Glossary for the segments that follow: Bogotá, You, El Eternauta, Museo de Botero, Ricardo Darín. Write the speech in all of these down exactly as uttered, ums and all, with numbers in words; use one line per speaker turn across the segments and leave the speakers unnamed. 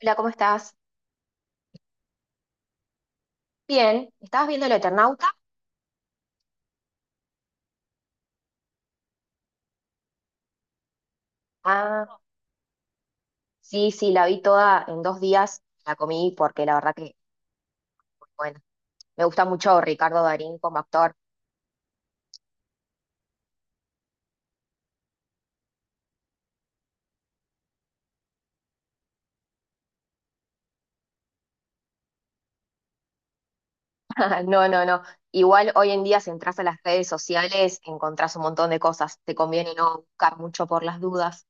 Hola, ¿cómo estás? Bien, ¿estabas viendo El Eternauta? Ah, sí, sí, la vi toda en dos días, la comí porque la verdad que, bueno, me gusta mucho Ricardo Darín como actor. No, no, no. Igual hoy en día si entras a las redes sociales encontrás un montón de cosas, te conviene no buscar mucho por las dudas.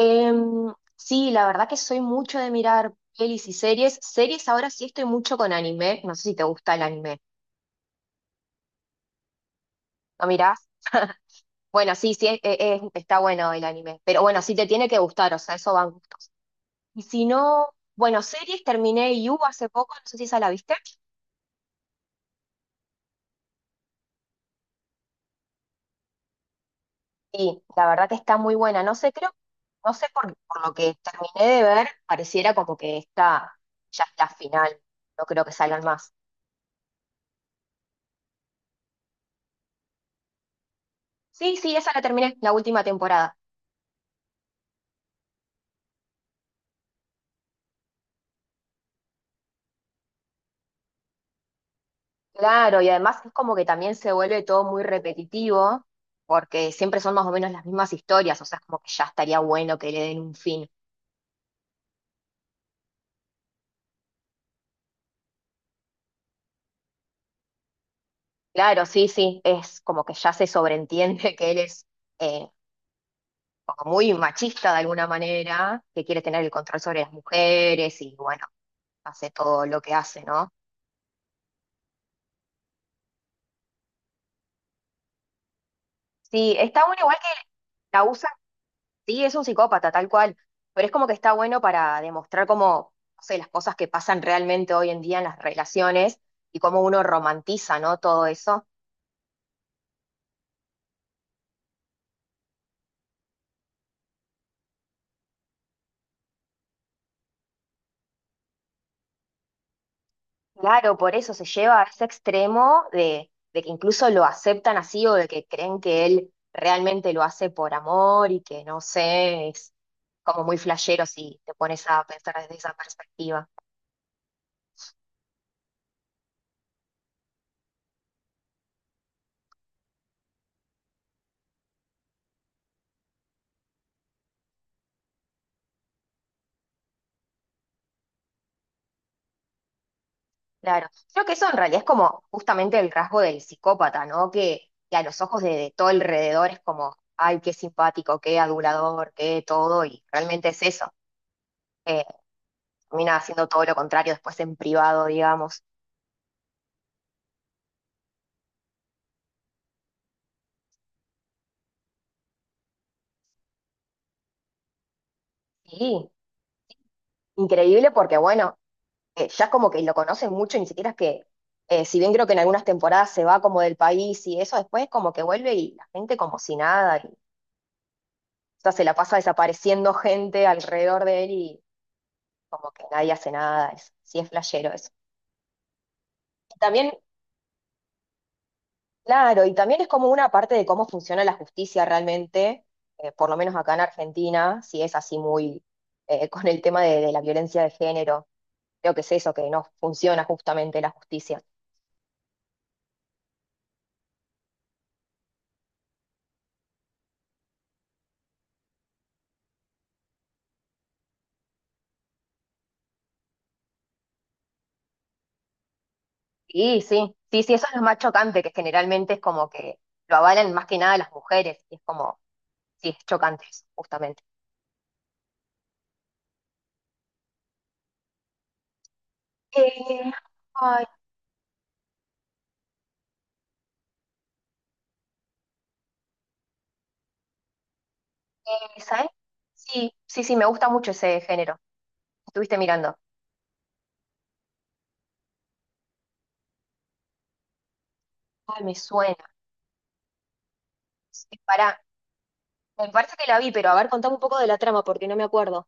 Em, sí, la verdad que soy mucho de mirar pelis y series. Series ahora sí estoy mucho con anime, no sé si te gusta el anime. ¿Lo mirás? Bueno, sí, sí, es- es- está bueno el anime, pero bueno, sí te tiene que gustar, o sea, eso van gustos. Y si no, bueno, series terminé You hace poco, no sé si esa la viste, sí, la verdad que está muy buena, no sé, creo, no sé por, por lo que terminé de ver, pareciera como que esta ya es la final, no creo que salgan más. Sí, sí, esa la terminé, la última temporada. Claro, y además es como que también se vuelve todo muy repetitivo, porque siempre son más o menos las mismas historias, o sea, es como que ya estaría bueno que le den un fin. Claro, sí, sí, es como que ya se sobreentiende que él es eh, como muy machista de alguna manera, que quiere tener el control sobre las mujeres y bueno, hace todo lo que hace, ¿no? Sí, está bueno igual que la usa, sí, es un psicópata tal cual, pero es como que está bueno para demostrar cómo, no sé, las cosas que pasan realmente hoy en día en las relaciones y cómo uno romantiza, ¿no? Todo eso. Claro, por eso se lleva a ese extremo de, de que incluso lo aceptan así o de que creen que él realmente lo hace por amor y que no sé, es como muy flashero si te pones a pensar desde esa perspectiva. Claro, creo que eso en realidad es como justamente el rasgo del psicópata, ¿no? Que, que a los ojos de, de todo alrededor es como, ay, qué simpático, qué adulador, qué todo, y realmente es eso. Eh, Termina haciendo todo lo contrario después en privado, digamos. Sí, increíble porque bueno, eh, ya es como que lo conocen mucho, ni siquiera es que, eh, si bien creo que en algunas temporadas se va como del país y eso, después como que vuelve y la gente como si nada, y, o sea, se la pasa desapareciendo gente alrededor de él y como que nadie hace nada, es, sí, es flashero eso. Y también, claro, y también es como una parte de cómo funciona la justicia realmente, eh, por lo menos acá en Argentina, si es así muy eh, con el tema de, de la violencia de género, creo que es eso, que no funciona justamente la justicia. Sí, sí, sí, sí, eso es lo más chocante, que generalmente es como que lo avalan más que nada las mujeres, y es como, sí, es chocante eso, justamente. Eh, ay, ¿sabes? Sí, sí, sí, me gusta mucho ese género. Estuviste mirando. Ay, me suena. Sí, me parece que la vi, pero a ver, contame un poco de la trama porque no me acuerdo.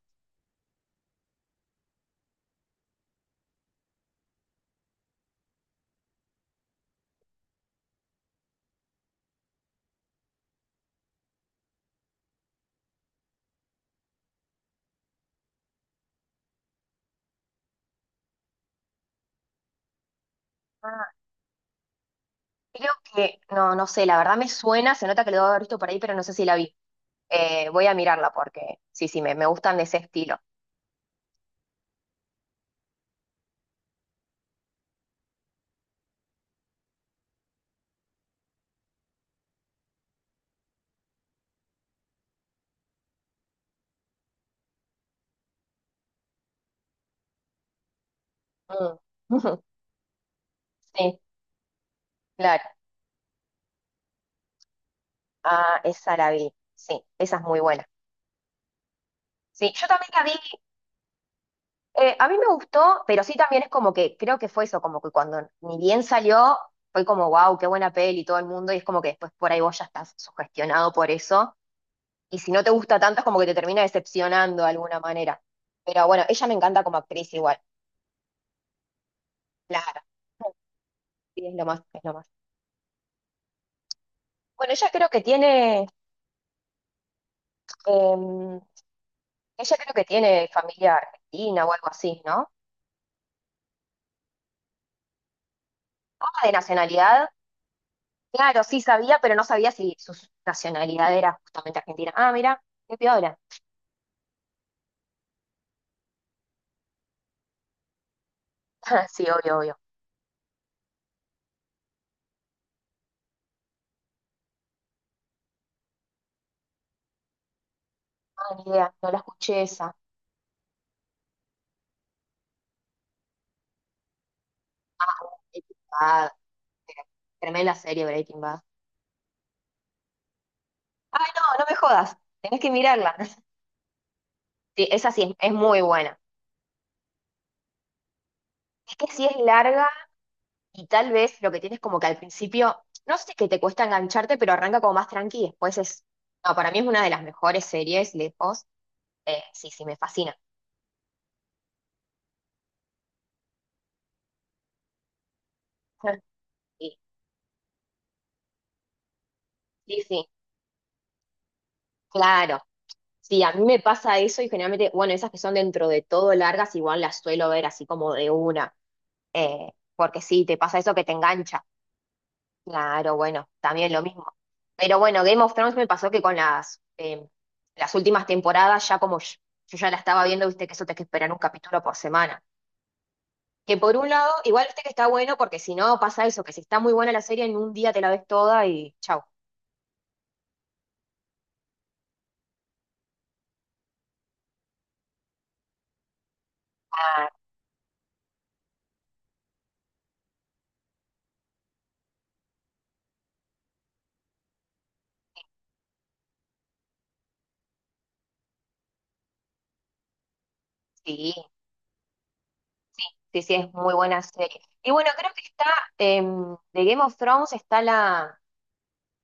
Ah, creo que, no, no sé, la verdad me suena, se nota que lo debo haber visto por ahí, pero no sé si la vi. Eh, voy a mirarla porque, sí, sí, me, me gustan de ese estilo. Mm. Sí, claro. Ah, esa la vi. Sí, esa es muy buena. Sí, yo también la vi. Eh, a mí me gustó, pero sí también es como que creo que fue eso, como que cuando ni bien salió, fue como, wow, qué buena peli todo el mundo, y es como que después por ahí vos ya estás sugestionado por eso. Y si no te gusta tanto, es como que te termina decepcionando de alguna manera. Pero bueno, ella me encanta como actriz igual, claro. Sí, es lo más, es lo más. Bueno, ella creo que tiene, em, ella creo que tiene familia argentina o algo así, ¿no? Ah, de nacionalidad. Claro, sí sabía, pero no sabía si su nacionalidad era justamente argentina. Ah, mira, qué piola. Sí, obvio, obvio. Ah, ni idea, no la escuché esa. Breaking Bad, pero tremenda serie Breaking Bad. Ay, no, no me jodas, tenés que mirarla. Sí, esa sí, es, es muy buena. Es que sí es larga y tal vez lo que tienes como que al principio, no sé, que te cuesta engancharte, pero arranca como más tranqui y después es, no, para mí es una de las mejores series, lejos. Eh, sí, sí, me fascina. Sí, sí, sí, claro. Sí, a mí me pasa eso y generalmente, bueno, esas que son dentro de todo largas, igual las suelo ver así como de una, eh, porque sí, te pasa eso que te engancha. Claro, bueno, también lo mismo. Pero bueno, Game of Thrones me pasó que con las, eh, las últimas temporadas, ya como yo, yo ya la estaba viendo, viste que eso te que esperar un capítulo por semana. Que por un lado, igual viste que está bueno, porque si no pasa eso, que si está muy buena la serie, en un día te la ves toda y chau. Ah, sí. Sí, sí, es muy buena serie. Y bueno, creo que está, em, de Game of Thrones está la,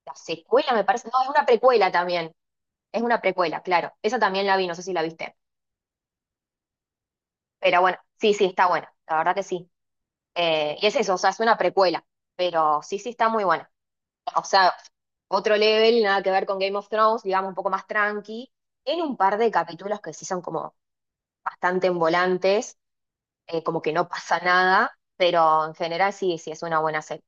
la secuela, me parece. No, es una precuela también. Es una precuela, claro. Esa también la vi, no sé si la viste. Pero bueno, sí, sí, está buena. La verdad que sí. Eh, y es eso, o sea, es una precuela. Pero sí, sí, está muy buena. O sea, otro level, nada que ver con Game of Thrones, digamos, un poco más tranqui. Tiene un par de capítulos que sí son como bastante envolantes, eh, como que no pasa nada. Pero en general sí, sí, es una buena serie.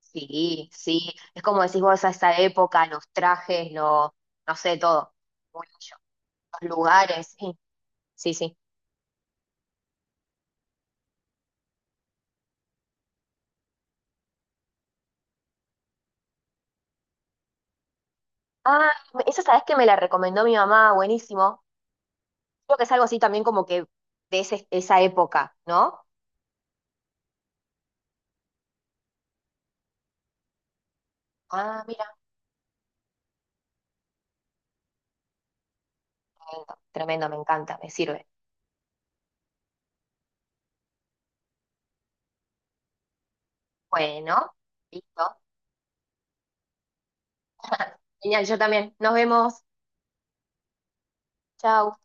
Sí, sí, es como decís vos a esa época, los trajes, lo, no sé, todo. Muy bello. Los lugares, sí, sí, sí. Ah, esa sabes que me la recomendó mi mamá, buenísimo. Creo que es algo así también como que de ese- esa época, ¿no? Ah, mira, tremendo, tremendo, me encanta, me sirve. Bueno, listo. Genial, yo también. Nos vemos. Chao.